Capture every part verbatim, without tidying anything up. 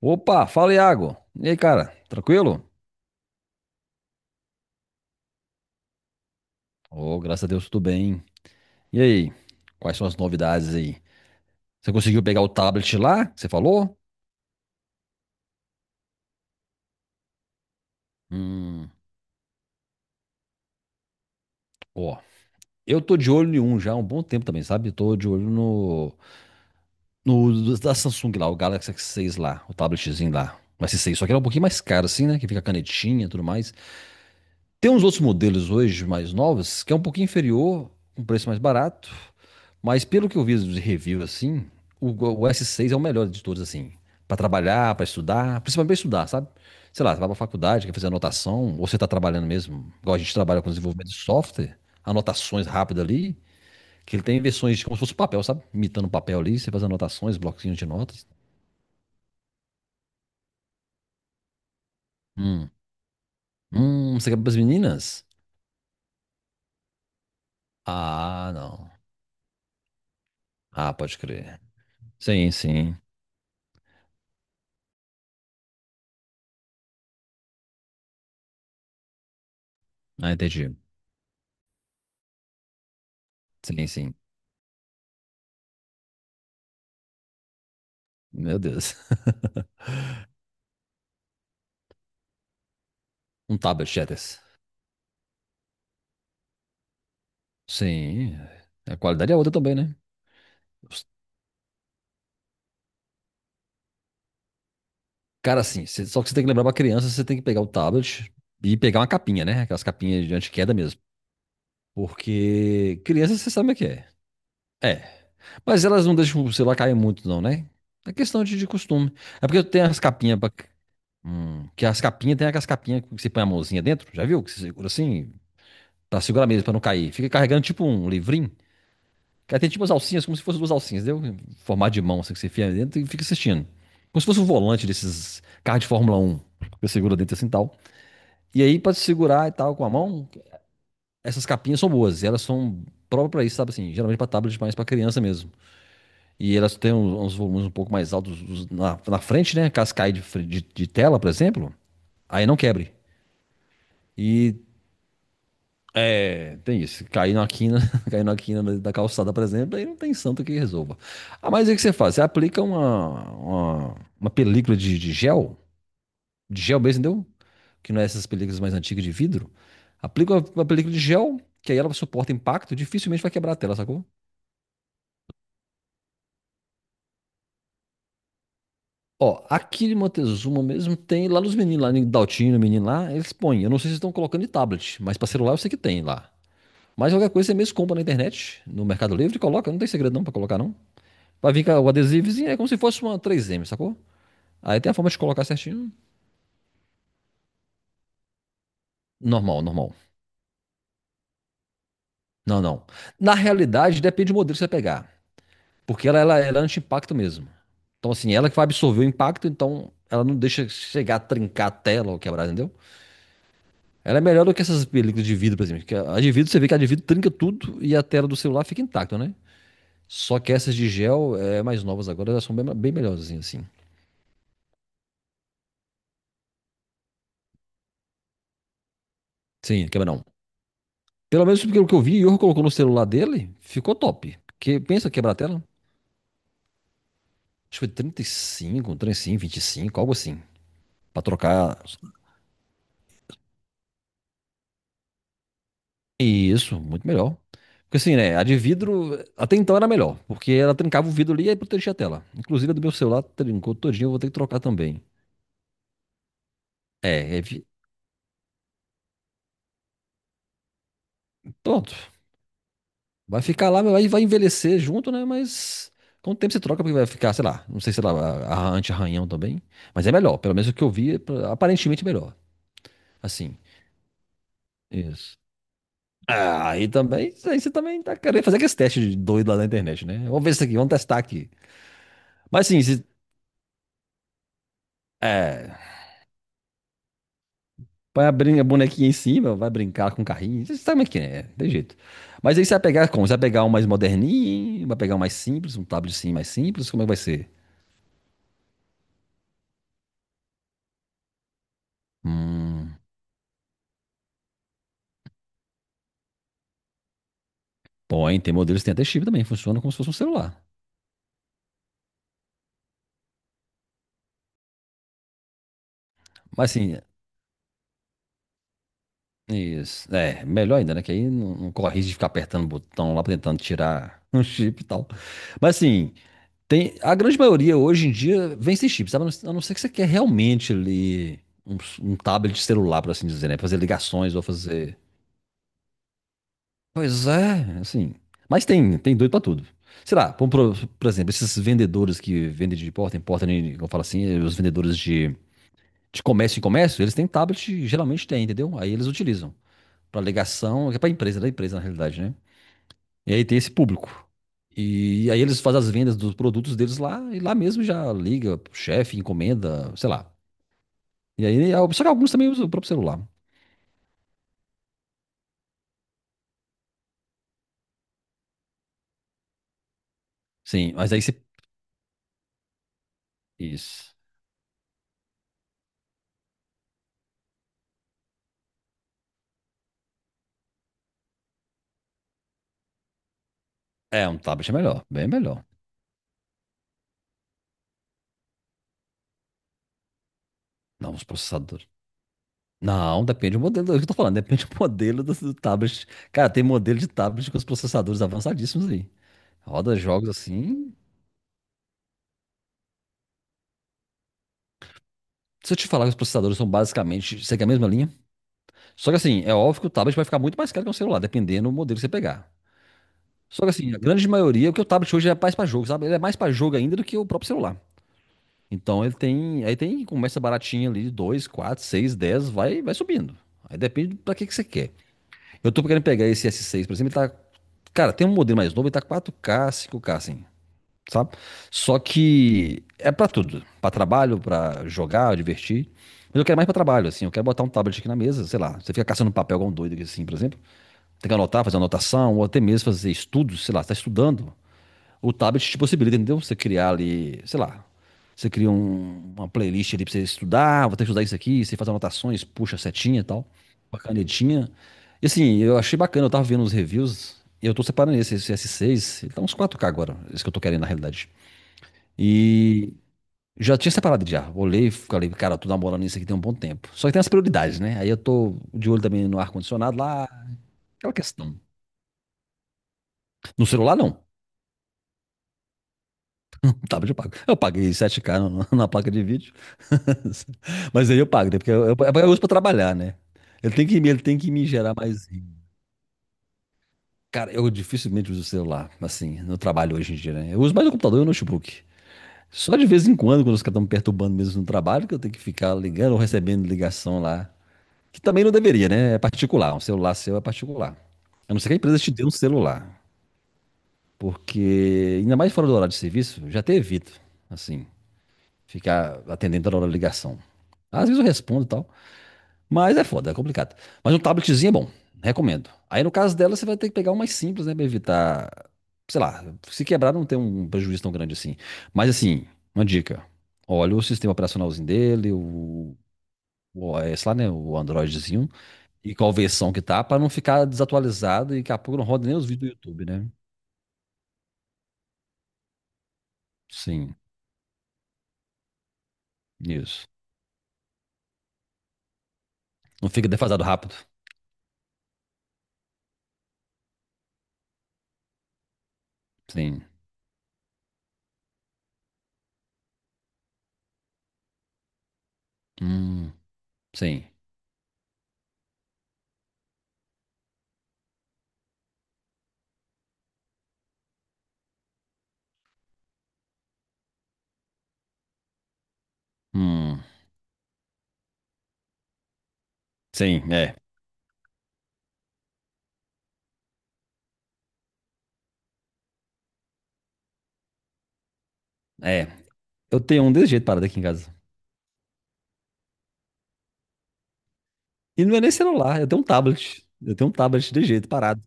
Opa, fala Iago. E aí, cara? Tranquilo? Oh, graças a Deus, tudo bem. E aí? Quais são as novidades aí? Você conseguiu pegar o tablet lá, que você falou? Hum, ó. Eu tô de olho em um já há um bom tempo também, sabe? Tô de olho no, no da Samsung lá, o Galaxy S seis lá, o tabletzinho lá. O S seis, só que ele é um pouquinho mais caro assim, né? Que fica a canetinha e tudo mais. Tem uns outros modelos hoje mais novos que é um pouquinho inferior, um preço mais barato, mas pelo que eu vi de review assim, o, o S seis é o melhor de todos assim, para trabalhar, para estudar, principalmente para estudar, sabe? Sei lá, você vai para faculdade, quer fazer anotação, ou você tá trabalhando mesmo, igual a gente trabalha com desenvolvimento de software, anotações rápidas ali, que ele tem versões como se fosse papel, sabe? Imitando papel ali, você faz anotações, bloquinhos de notas. Hum, hum, Você quer para as meninas? Ah, não. Ah, pode crer. Sim, sim. Ah, entendi. Sim, sim. Meu Deus. Um tablet Shatters. Sim. A qualidade é outra também, né? Os- Cara, assim, cê- só que você tem que lembrar pra criança, você tem que pegar o tablet e pegar uma capinha, né? Aquelas capinhas de anti-queda mesmo. Porque criança, você sabe o que é. É. Mas elas não deixam o celular cair muito, não, né? É questão de, de costume. É porque eu tenho as capinhas pra. Hum, que as capinhas, tem aquelas capinhas que você põe a mãozinha dentro, já viu? Que você segura assim, pra segurar mesmo, pra não cair. Fica carregando tipo um livrinho. Cara, tem tipo umas alcinhas, como se fossem duas alcinhas, deu? Formato de mão, assim, que você enfia dentro e fica assistindo. Como se fosse um volante desses carros de Fórmula um. Você segura dentro assim e tal. E aí, pra se segurar e tal com a mão, essas capinhas são boas. E elas são próprias pra isso, sabe assim? Geralmente pra tablet, mas pra criança mesmo. E elas têm uns, uns volumes um pouco mais altos uns- na, na frente, né? Caso caia de, fre- de, de tela, por exemplo, aí não quebre. E É, tem isso. Cair na quina, cair na quina da da calçada, por exemplo, aí não tem santo que resolva. Ah, mas aí o que você faz? Você aplica uma, uma, uma película de, de gel, de gel mesmo, entendeu? Que não é essas películas mais antigas de vidro. Aplica uma, uma película de gel, que aí ela suporta impacto, dificilmente vai quebrar a tela, sacou? Ó, aqui de Montezuma mesmo tem lá nos meninos, lá em Daltino, menino lá, eles põem. Eu não sei se estão colocando em tablet, mas pra celular eu sei que tem lá. Mas qualquer coisa você mesmo compra na internet, no Mercado Livre, e coloca, não tem segredo não pra colocar não. Pra vir com o adesivozinho, é como se fosse uma três m, sacou? Aí tem a forma de colocar certinho. Normal, normal. Não, não. Na realidade, depende do modelo que você pegar. Porque ela, ela, ela é anti-impacto mesmo. Então, assim, ela que vai absorver o impacto, então ela não deixa chegar a trincar a tela ou quebrar, entendeu? Ela é melhor do que essas películas de vidro, por exemplo. Que a de vidro, você vê que a de vidro trinca tudo e a tela do celular fica intacta, né? Só que essas de gel, é mais novas agora, elas são bem, bem melhores, assim. Sim, quebra não. Pelo menos pelo que eu vi, o Iorgo colocou no celular dele, ficou top. Porque pensa quebrar a tela. Acho que foi trinta trinta e e cinco, trinta e cinco, vinte e cinco, algo assim. Pra trocar. Isso, muito melhor. Porque assim, né? A de vidro, até então era melhor. Porque ela trincava o vidro ali e aí protegia a tela. Inclusive a do meu celular trincou todinho, eu vou ter que trocar também. É, é vi- Pronto. Vai ficar lá, vai, vai envelhecer junto, né? Mas com o tempo você troca, porque vai ficar, sei lá, não sei se ela a- a- anti-arranhão também. Mas é melhor, pelo menos o que eu vi, é pra- aparentemente melhor. Assim, isso. Ah, aí também, isso aí você também tá querendo fazer aqueles testes de doido lá na internet, né? Vamos ver isso aqui, vamos testar aqui. Mas sim se, é, Põe a, brin- a bonequinha em cima, vai brincar com o carrinho, você sabe como é que é, tem jeito. Mas aí você vai pegar como? Você vai pegar um mais moderninho, vai pegar um mais simples, um tabletzinho mais simples, como é que vai ser? Hum, Bom, hein, tem modelos que tem até chip também, funciona como se fosse um celular. Mas assim, isso, é, melhor ainda, né? Que aí não, não corre risco de ficar apertando o botão lá, tentando tirar um chip e tal. Mas assim, tem, a grande maioria hoje em dia vem sem chip, sabe? A não a não ser que você quer realmente ali um, s- um tablet celular, por assim dizer, né? Fazer ligações ou fazer. Pois é, assim. Mas tem, tem doido pra tudo. Sei lá, por, por- por exemplo, esses vendedores que vendem de porta em porta, né, como eu falo assim, eh, os vendedores de, de comércio em comércio, eles têm tablet, geralmente tem, entendeu? Aí eles utilizam pra ligação, que é pra empresa, da empresa na realidade, né? E aí tem esse público. E aí eles fazem as vendas dos produtos deles lá, e lá mesmo já liga pro chefe, encomenda, sei lá. E aí, é, só que alguns também usam o próprio celular. Sim, mas aí você. Isso. É, um tablet é melhor, bem melhor. Não, os processadores. Não, depende do modelo, é o que eu tô falando, depende do modelo do, do tablet. Cara, tem modelo de tablet com os processadores avançadíssimos aí. Roda jogos assim. Se eu te falar que os processadores são basicamente, segue a mesma linha. Só que assim, é óbvio que o tablet vai ficar muito mais caro que um celular, dependendo do modelo que você pegar. Só que assim, a grande maioria, porque o tablet hoje é mais pra jogo, sabe? Ele é mais pra jogo ainda do que o próprio celular. Então ele tem, aí tem, começa baratinho ali, dois, quatro, seis, dez, vai, vai subindo. Aí depende pra que que você quer. Eu tô querendo pegar esse s seis, por exemplo, ele tá, cara, tem um modelo mais novo, ele tá quatro k, cinco k assim, sabe? Só que é pra tudo, pra trabalho, pra jogar, divertir. Mas eu quero mais pra trabalho, assim, eu quero botar um tablet aqui na mesa, sei lá, você fica caçando um papel igual um doido aqui assim, por exemplo, tem que anotar, fazer anotação, ou até mesmo fazer estudos, sei lá, você tá estudando. O tablet te possibilita, entendeu? Você criar ali, sei lá, você cria um- uma playlist ali pra você estudar. Ah, vou ter que estudar isso aqui, você faz anotações, puxa a setinha e tal, uma canetinha. E assim, eu achei bacana, eu tava vendo os reviews, e eu tô separando esse, esse S seis, ele tá uns quatro k agora, esse que eu tô querendo na realidade. E já tinha separado já, olhei e falei, cara, eu tô namorando isso aqui tem um bom tempo. Só que tem as prioridades, né? Aí eu tô de olho também no ar-condicionado lá, aquela questão. No celular não, um tablet eu pago. Eu paguei sete k no- na placa de vídeo. Mas aí eu pago, né? Porque eu, eu, eu uso pra trabalhar, né? Ele tem que, me- ele tem que me gerar mais renda. Cara, eu dificilmente uso o celular, assim, no trabalho hoje em dia, né? Eu uso mais o computador e o notebook. Só de vez em quando, quando os caras estão me perturbando mesmo no trabalho, que eu tenho que ficar ligando ou recebendo ligação lá. Que também não deveria, né? É particular. Um celular seu é particular. A não ser que a empresa te dê um celular. Porque, ainda mais fora do horário de serviço, já até evito, assim, ficar atendendo toda hora a ligação. Às vezes eu respondo e tal, mas é foda, é complicado. Mas um tabletzinho é bom, recomendo. Aí no caso dela, você vai ter que pegar um mais simples, né, pra evitar, sei lá, se quebrar não tem um prejuízo tão grande assim. Mas assim, uma dica, olha o sistema operacionalzinho dele, o, o OS lá, né, o Androidzinho, e qual versão que tá, pra não ficar desatualizado e daqui a pouco não roda nem os vídeos do YouTube, né? Sim, isso. Não fica defasado rápido. Sim. Hum, sim. Hum, sim, é. É, eu tenho um desse jeito parado aqui em casa. E não é nem celular, eu tenho um tablet. Eu tenho um tablet de jeito parado.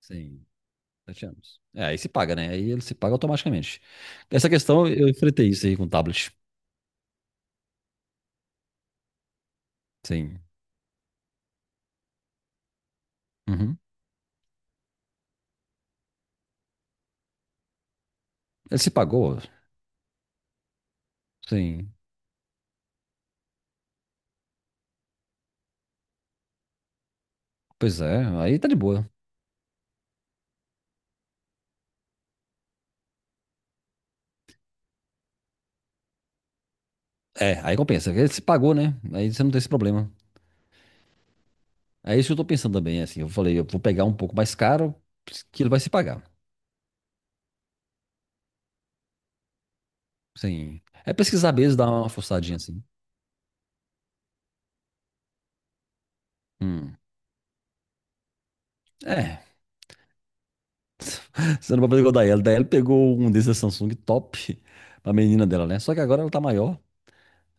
Sim, sete anos. É, aí se paga, né? Aí ele se paga automaticamente. Essa questão, eu enfrentei isso aí com o tablet. Sim. Uhum. Ele se pagou? Sim. Pois é, aí tá de boa. É, aí compensa. Ele se pagou, né? Aí você não tem esse problema. É isso que eu tô pensando também, assim. Eu falei, eu vou pegar um pouco mais caro, que ele vai se pagar. Sim. É pesquisar mesmo, dar uma forçadinha assim. Hum. É, você não pode fazer igual da Ellie. Da Ellie pegou um desses Samsung top pra menina dela, né? Só que agora ela tá maior.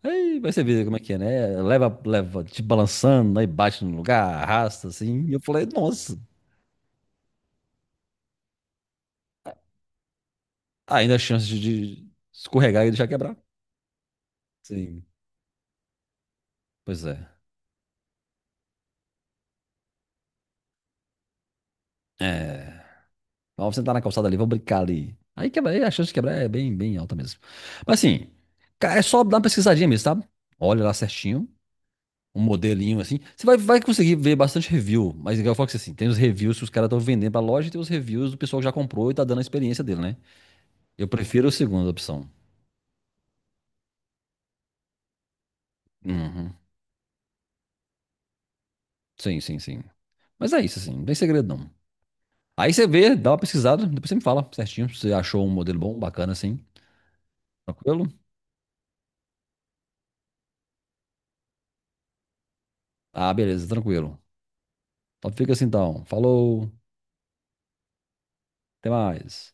Aí vai você ver como é que é, né? Leva, leva, te balançando, aí bate no lugar, arrasta assim. E eu falei, nossa, tá ainda a chance de, de escorregar e deixar quebrar. Sim, pois é. É. Vamos sentar na calçada ali, vamos brincar ali. Aí quebra, aí a chance de quebrar é bem, bem alta mesmo. Mas assim, ca- é só dar uma pesquisadinha mesmo, tá? Olha lá certinho. Um modelinho assim. Você vai, vai conseguir ver bastante review, mas eu falo que assim, tem os reviews que os caras estão vendendo pra loja e tem os reviews do pessoal que já comprou e tá dando a experiência dele, né? Eu prefiro a segunda opção. Uhum. Sim, sim, sim. Mas é isso, assim, não tem segredo não. Aí você vê, dá uma pesquisada, depois você me fala certinho se você achou um modelo bom, bacana assim. Tranquilo? Ah, beleza, tranquilo. Então fica assim então. Falou, até mais.